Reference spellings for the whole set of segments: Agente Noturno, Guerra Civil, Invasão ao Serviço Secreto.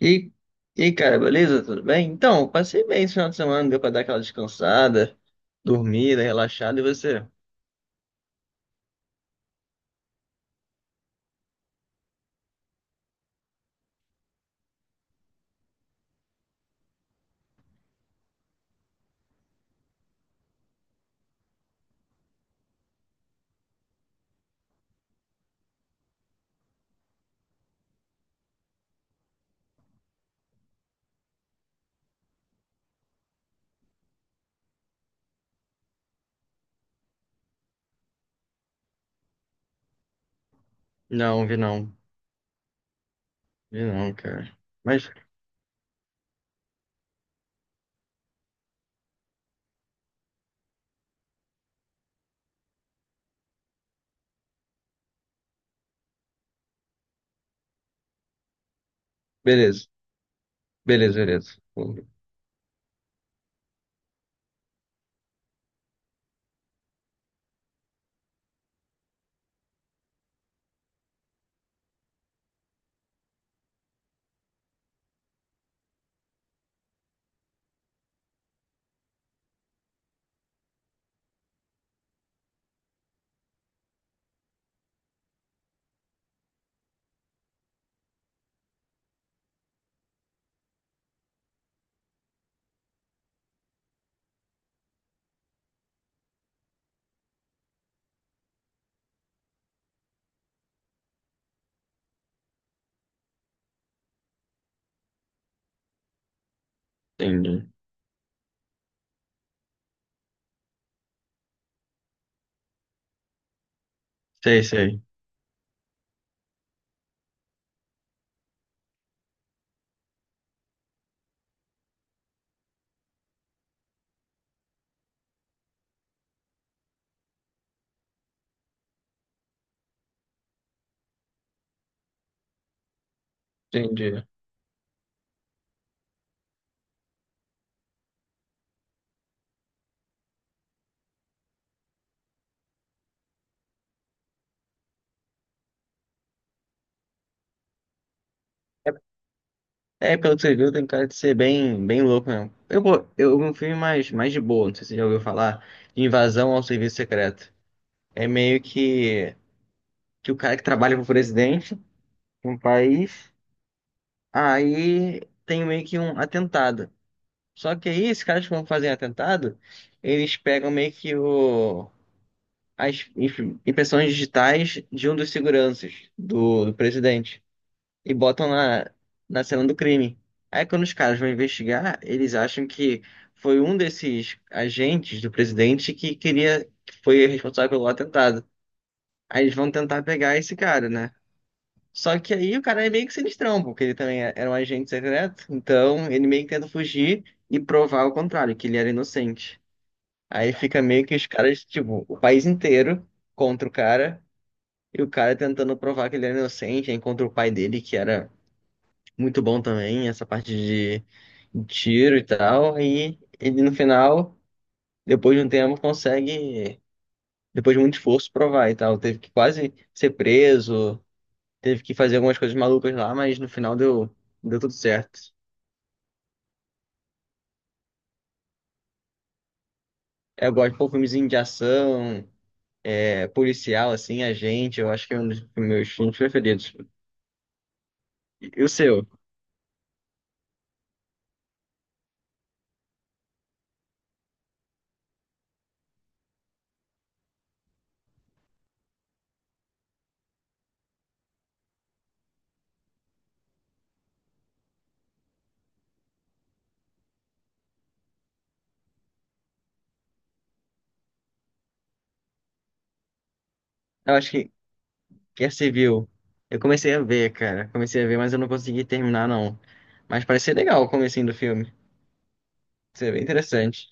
E, e aí, cara, beleza? Tudo bem? Então, eu passei bem esse final de semana, deu pra dar aquela descansada, dormida, relaxada, e você? Não, vi não. Vi não, cara. Mas, beleza, beleza. Entendi. Sei, sei. Entendi. É, é, pelo que você viu, tem cara de ser bem louco mesmo. Eu vi um filme mais de boa, não sei se você já ouviu falar, Invasão ao Serviço Secreto. É que o cara que trabalha pro presidente de um país, aí tem meio que um atentado. Só que aí, esses caras que vão fazer atentado, eles pegam as impressões digitais de um dos seguranças do presidente e botam na cena do crime. Aí, quando os caras vão investigar, eles acham que foi um desses agentes do presidente que foi responsável pelo atentado. Aí eles vão tentar pegar esse cara, né? Só que aí o cara é meio que sinistrão, porque ele também era um agente secreto, então ele meio que tenta fugir e provar o contrário, que ele era inocente. Aí fica meio que os caras, tipo, o país inteiro contra o cara, e o cara tentando provar que ele era inocente, aí contra o pai dele, que era muito bom também, essa parte de de tiro e tal. Aí ele no final, depois de um tempo, depois de muito esforço, provar e tal. Teve que quase ser preso, teve que fazer algumas coisas malucas lá, mas no final deu tudo certo. Eu gosto de pôr filmezinho de ação. É, policial, assim, agente, eu acho que é um dos meus filmes preferidos. E o seu? Eu acho que Guerra Civil. Eu comecei a ver, cara. Comecei a ver, mas eu não consegui terminar, não. Mas parece ser legal o comecinho do filme. Isso é bem interessante.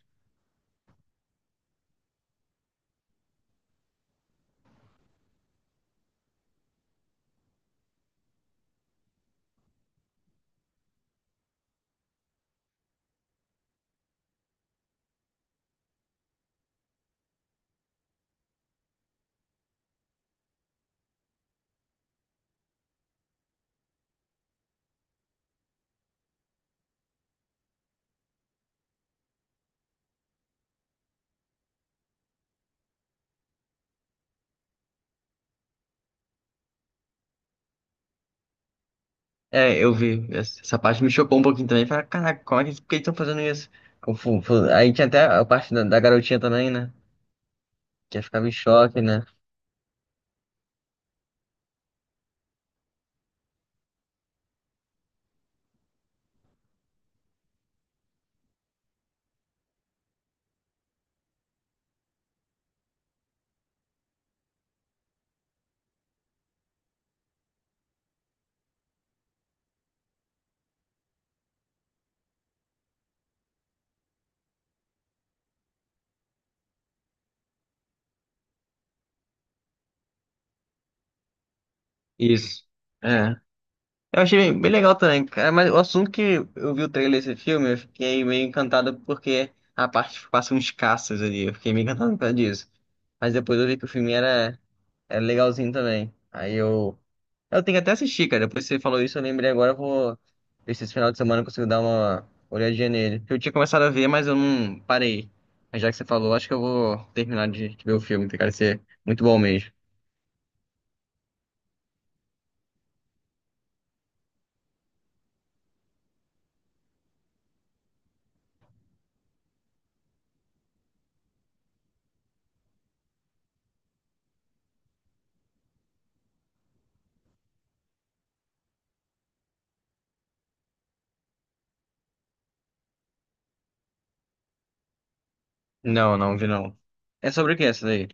É, eu vi. Essa parte me chocou um pouquinho também. Falei, caraca, por que eles estão fazendo isso? Aí tinha até a parte da garotinha também, né? Que ficava em choque, né? Isso. É. Eu achei bem legal também, cara, mas o assunto que eu vi o trailer desse filme, eu fiquei meio encantado porque a parte que passa uns caças ali, eu fiquei meio encantado por causa disso. Mas depois eu vi que era legalzinho também. Aí eu. Eu tenho que até assistir, cara. Depois que você falou isso, eu lembrei agora, eu vou ver se esse final de semana eu consigo dar uma olhadinha nele. Eu tinha começado a ver, mas eu não parei. Mas já que você falou, acho que eu vou terminar de ver o filme, tem cara de ser muito bom mesmo. Não, não vi não. É sobre o que essa daí?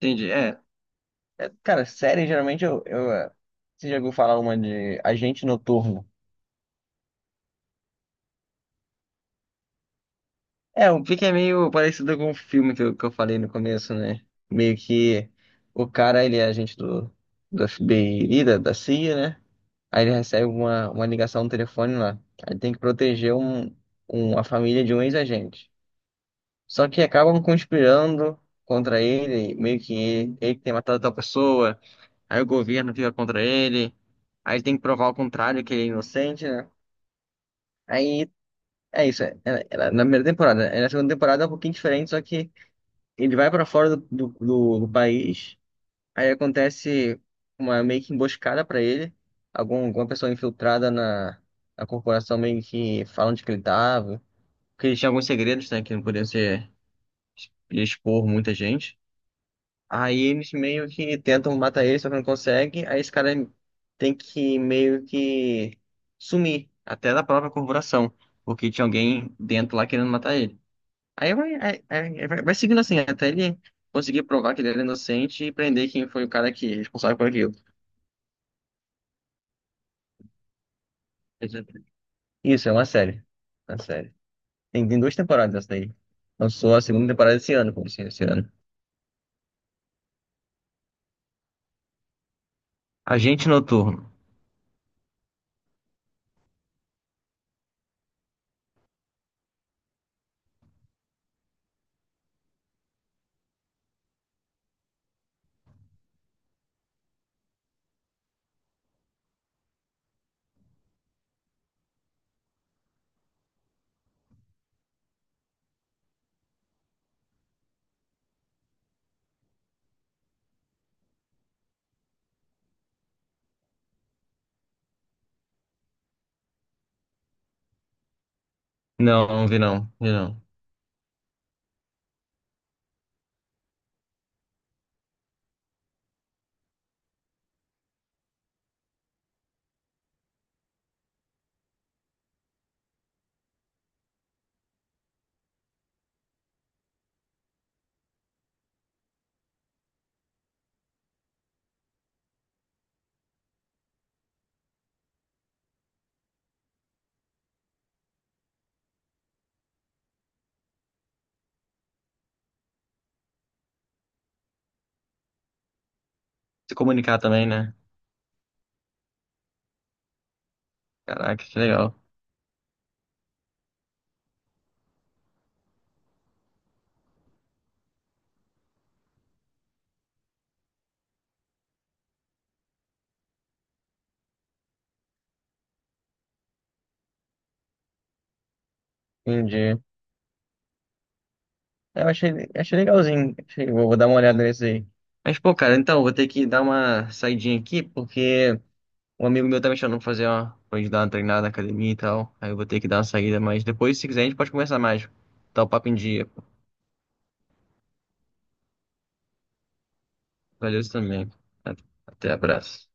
Entendi. É. É, cara, série, geralmente você já ouviu falar uma de Agente Noturno? É, o que que é meio parecido com o filme que eu falei no começo, né? Meio que o cara, ele é agente do FBI, da CIA, né? Aí ele recebe uma ligação no telefone lá. Aí tem que proteger a família de um ex-agente. Só que acabam conspirando contra ele, meio que ele que tem matado tal pessoa, aí o governo fica contra ele, aí ele tem que provar o contrário, que ele é inocente, né? Aí é isso. Era, era na primeira temporada. Aí na segunda temporada é um pouquinho diferente, só que ele vai pra fora do país. Aí acontece uma meio que emboscada pra ele. Alguma pessoa infiltrada na corporação meio que fala onde que ele tava. Porque ele tinha alguns segredos, né? Que não podia expor muita gente. Aí eles meio que tentam matar ele, só que não consegue. Aí esse cara tem que meio que sumir até da própria corporação. Porque tinha alguém dentro lá querendo matar ele. Aí vai seguindo assim, até ele conseguir provar que ele era inocente e prender quem foi o cara que é responsável por aquilo. Isso, é uma série. É uma série. Tem duas temporadas essa daí. Lançou a segunda temporada esse ano, como assim, esse ano. Agente Noturno. Não, não vi não, vi não. Se comunicar também, né? Caraca, que legal. Entendi. É, eu achei legalzinho. Vou dar uma olhada nesse aí. Mas, pô, cara, então, vou ter que dar uma saidinha aqui, porque um amigo meu tá me chamando pra fazer pra gente dar uma treinada na academia e tal. Aí eu vou ter que dar uma saída, mas depois, se quiser, a gente pode conversar mais. Tá o papo em dia. Valeu você também. Até abraço.